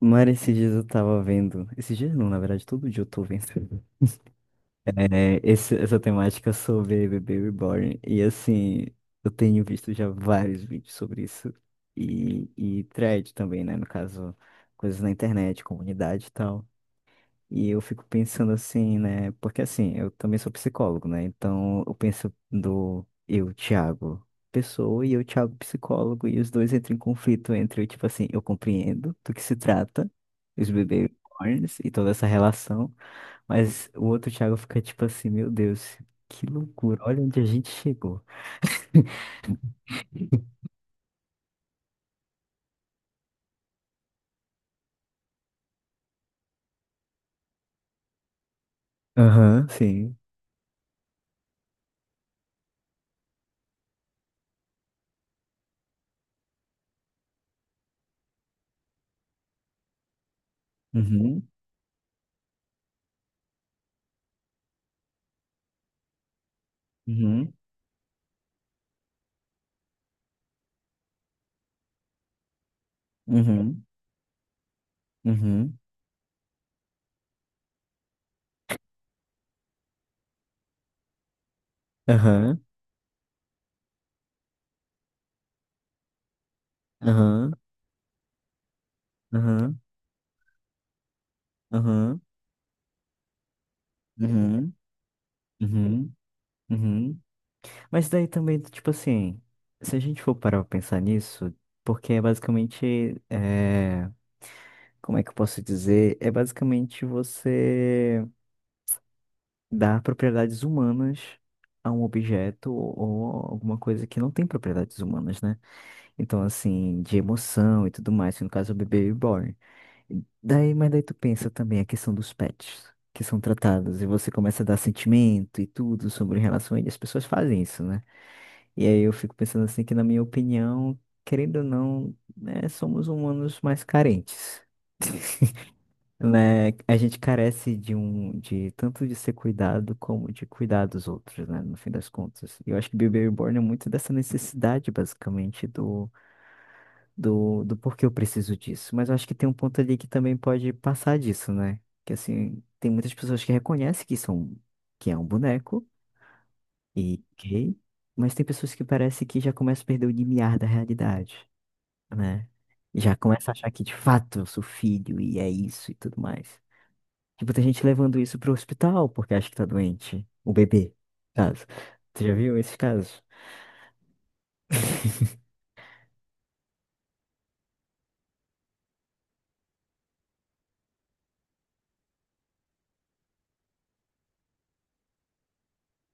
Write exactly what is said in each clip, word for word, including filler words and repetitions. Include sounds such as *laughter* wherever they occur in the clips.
Mara, esses dias eu tava vendo. Esses dias não, na verdade, todo dia eu tô vendo. É, esse- essa temática sobre bebê reborn. E assim, eu tenho visto já vários vídeos sobre isso. E, e thread também, né? No caso, coisas na internet, comunidade e tal. E eu fico pensando assim, né? Porque assim, eu também sou psicólogo, né? Então eu penso do eu, Thiago, pessoa, e eu, Thiago, psicólogo, e os dois entram em conflito entre, tipo assim, eu compreendo do que se trata, os bebês e toda essa relação, mas o outro Thiago fica tipo assim, meu Deus, que loucura, olha onde a gente chegou. Aham, sim. Uhum, uhum, uhum, uhum, aham, aham, aham, aham, uhum, uhum. Uhum, uhum. Mas daí também, tipo assim, se a gente for parar pra pensar nisso, porque é basicamente, é, como é que eu posso dizer? É basicamente você dar propriedades humanas a um objeto ou alguma coisa que não tem propriedades humanas, né? Então, assim, de emoção e tudo mais, no caso, é o bebê reborn. Daí, mas daí tu pensa também a questão dos pets. Que são tratados, e você começa a dar sentimento e tudo sobre relação a ele. As pessoas fazem isso, né? E aí eu fico pensando assim que, na minha opinião, querendo ou não, né, somos humanos mais carentes, *laughs* né? A gente carece de um, de tanto de ser cuidado como de cuidar dos outros, né? No fim das contas. E eu acho que Baby Reborn é muito dessa necessidade, basicamente, do, do, do porquê eu preciso disso. Mas eu acho que tem um ponto ali que também pode passar disso, né? Que assim, tem muitas pessoas que reconhecem que são, que é um boneco. E, ok? Mas tem pessoas que parece que já começam a perder o limiar da realidade, né? Já começa a achar que de fato eu sou filho e é isso e tudo mais. Tipo, tem gente levando isso pro hospital porque acha que tá doente. O bebê, no caso. Você já viu esses casos?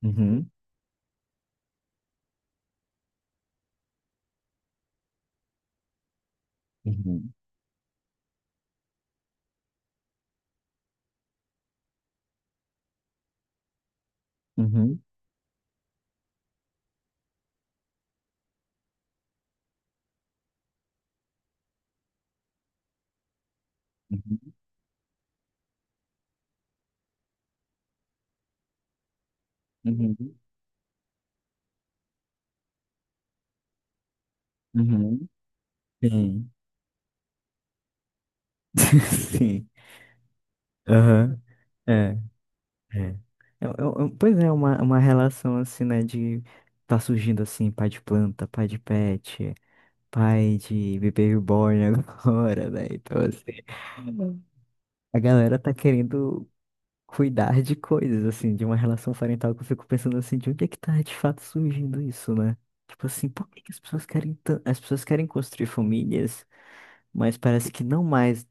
Uhum, uhum, uhum, uhum, uhum, uhum. Sim. *laughs* Sim. Aham. É, é. É, é, é, pois é, uma, uma relação assim, né, de tá surgindo assim, pai de planta, pai de pet, pai de bebê reborn agora, *laughs* velho. Então, assim, a galera tá querendo cuidar de coisas, assim, de uma relação parental que eu fico pensando assim, de onde é que tá de fato surgindo isso, né? Tipo assim, por que que as pessoas querem tan- as pessoas querem construir famílias, mas parece que não mais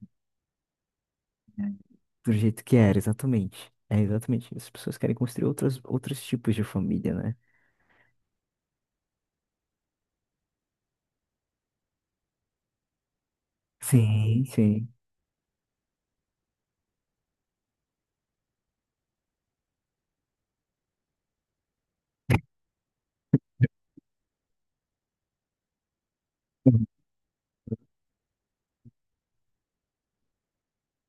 do jeito que era, exatamente. É exatamente isso. As pessoas querem construir outras, outros tipos de família, né? Sim, sim.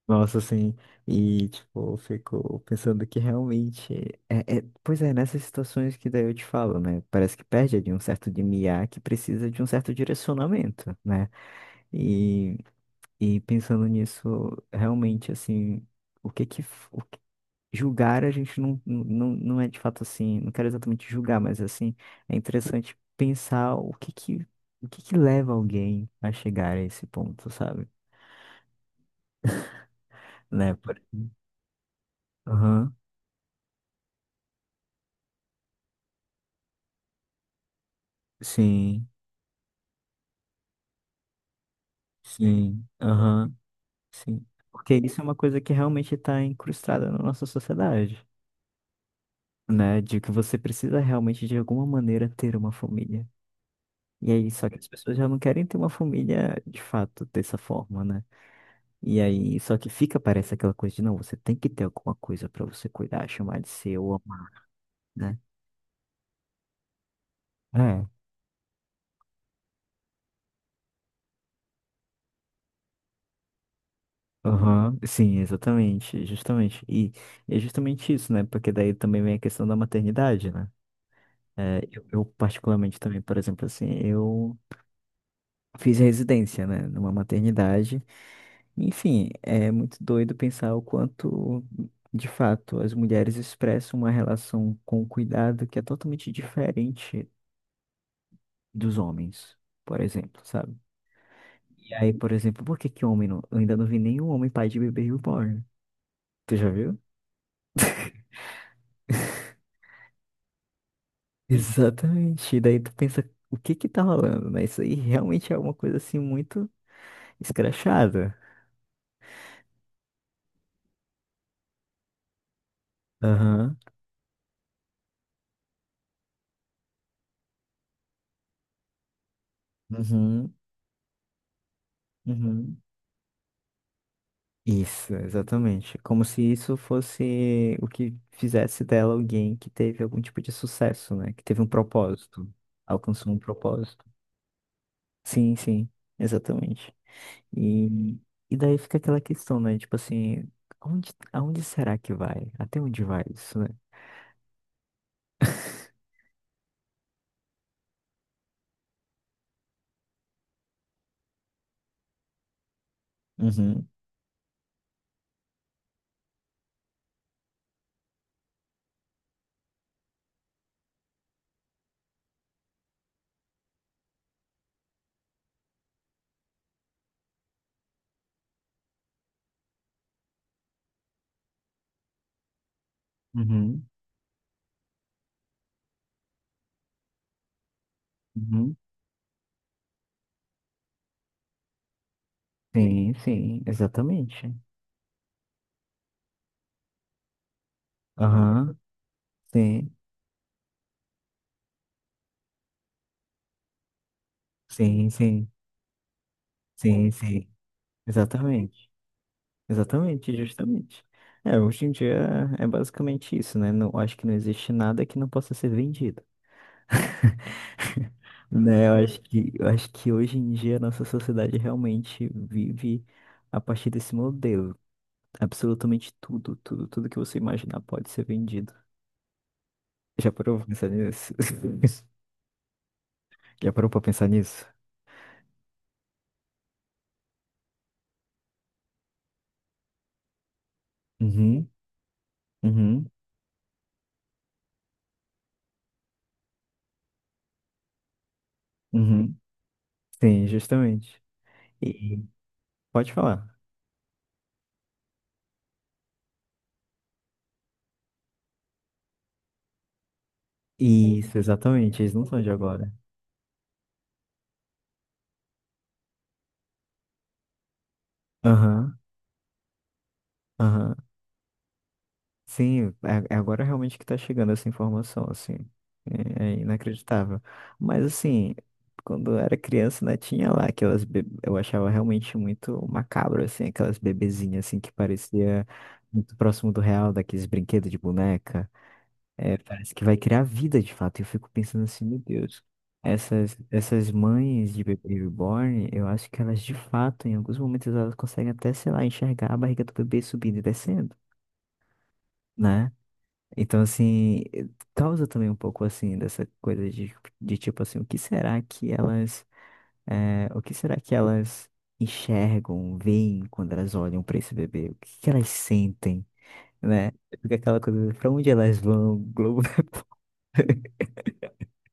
Nossa, assim, e tipo, eu fico pensando que realmente é, é- pois é, nessas situações que daí eu te falo, né? Parece que perde de um certo de limiar que precisa de um certo direcionamento, né? E, e pensando nisso, realmente, assim, o que que, f- o que- julgar a gente não, não, não é de fato assim, não quero exatamente julgar, mas assim, é interessante pensar o que que, o que que leva alguém a chegar a esse ponto, sabe? Né? Por- Aham, sim. Sim, aham, sim. Porque isso é uma coisa que realmente está incrustada na nossa sociedade, né? De que você precisa realmente, de alguma maneira, ter uma família. E aí, só que as pessoas já não querem ter uma família de fato dessa forma, né? E aí, só que fica, parece aquela coisa de, não, você tem que ter alguma coisa para você cuidar, chamar de seu, amar, né? É. Aham, sim, exatamente, justamente. E é justamente isso, né? Porque daí também vem a questão da maternidade, né? É, eu, eu particularmente também, por exemplo, assim, eu fiz residência, né, numa maternidade. Enfim, é muito doido pensar o quanto, de fato, as mulheres expressam uma relação com o cuidado que é totalmente diferente dos homens, por exemplo, sabe? E aí, por exemplo, por que que homem não, eu ainda não vi nenhum homem pai de bebê reborn. Tu já viu? *laughs* Exatamente. E daí tu pensa, o que que tá rolando, né? Isso aí realmente é uma coisa assim muito escrachada. Aham. Uhum, uhum. Isso, exatamente. Como se isso fosse o que fizesse dela alguém que teve algum tipo de sucesso, né? Que teve um propósito, alcançou um propósito. Sim, sim, exatamente. E, e daí fica aquela questão, né? Tipo assim, aonde, aonde será que vai? Até onde vai isso, né? Uhum, uhum, uhum. Sim, sim, exatamente. Aham, sim, sim, sim, sim, sim, exatamente. Exatamente, justamente. É, hoje em dia é basicamente isso, né? Não, acho que não existe nada que não possa ser vendido, né? Eu acho que, eu acho que hoje em dia a nossa sociedade realmente vive a partir desse modelo. Absolutamente tudo, tudo, tudo que você imaginar pode ser vendido. Já parou pra pensar nisso? *laughs* Já parou pra pensar nisso? Uhum, uhum, uhum. Sim, justamente. E pode falar. Isso, exatamente. Eles não são de agora. Aham, aham. Sim, é é agora realmente que está chegando essa informação, assim. É, é inacreditável. Mas, assim, quando eu era criança, né, tinha lá aquelas... be- Eu achava realmente muito macabro, assim, aquelas bebezinhas, assim, que parecia muito próximo do real, daqueles brinquedos de boneca. É, parece que vai criar vida, de fato. E eu fico pensando assim, meu Deus, essas, essas mães de bebê reborn, eu acho que elas, de fato, em alguns momentos, elas conseguem até, sei lá, enxergar a barriga do bebê subindo e descendo, né? Então, assim, eh, causa também um pouco, assim, dessa coisa de, de tipo assim, o que será que elas, eh, o que será que elas enxergam, veem quando elas olham para esse bebê? O que que elas sentem, né? Fica aquela coisa, pra onde elas vão, Globo, *laughs*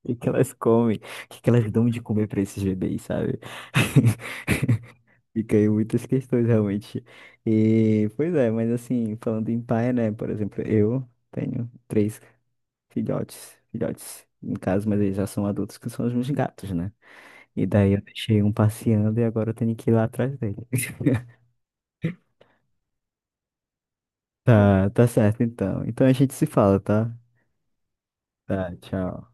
o que que elas comem, o que que elas dão de comer para esses bebês, sabe? *laughs* Fica aí muitas questões, realmente. E, pois é, mas assim, falando em pai, né, por exemplo, eu tenho três filhotes, filhotes, no caso, mas eles já são adultos, que são os meus gatos, né? E daí eu deixei um passeando e agora eu tenho que ir lá atrás dele. *laughs* Tá, tá certo então. Então a gente se fala, tá? Tá, tchau.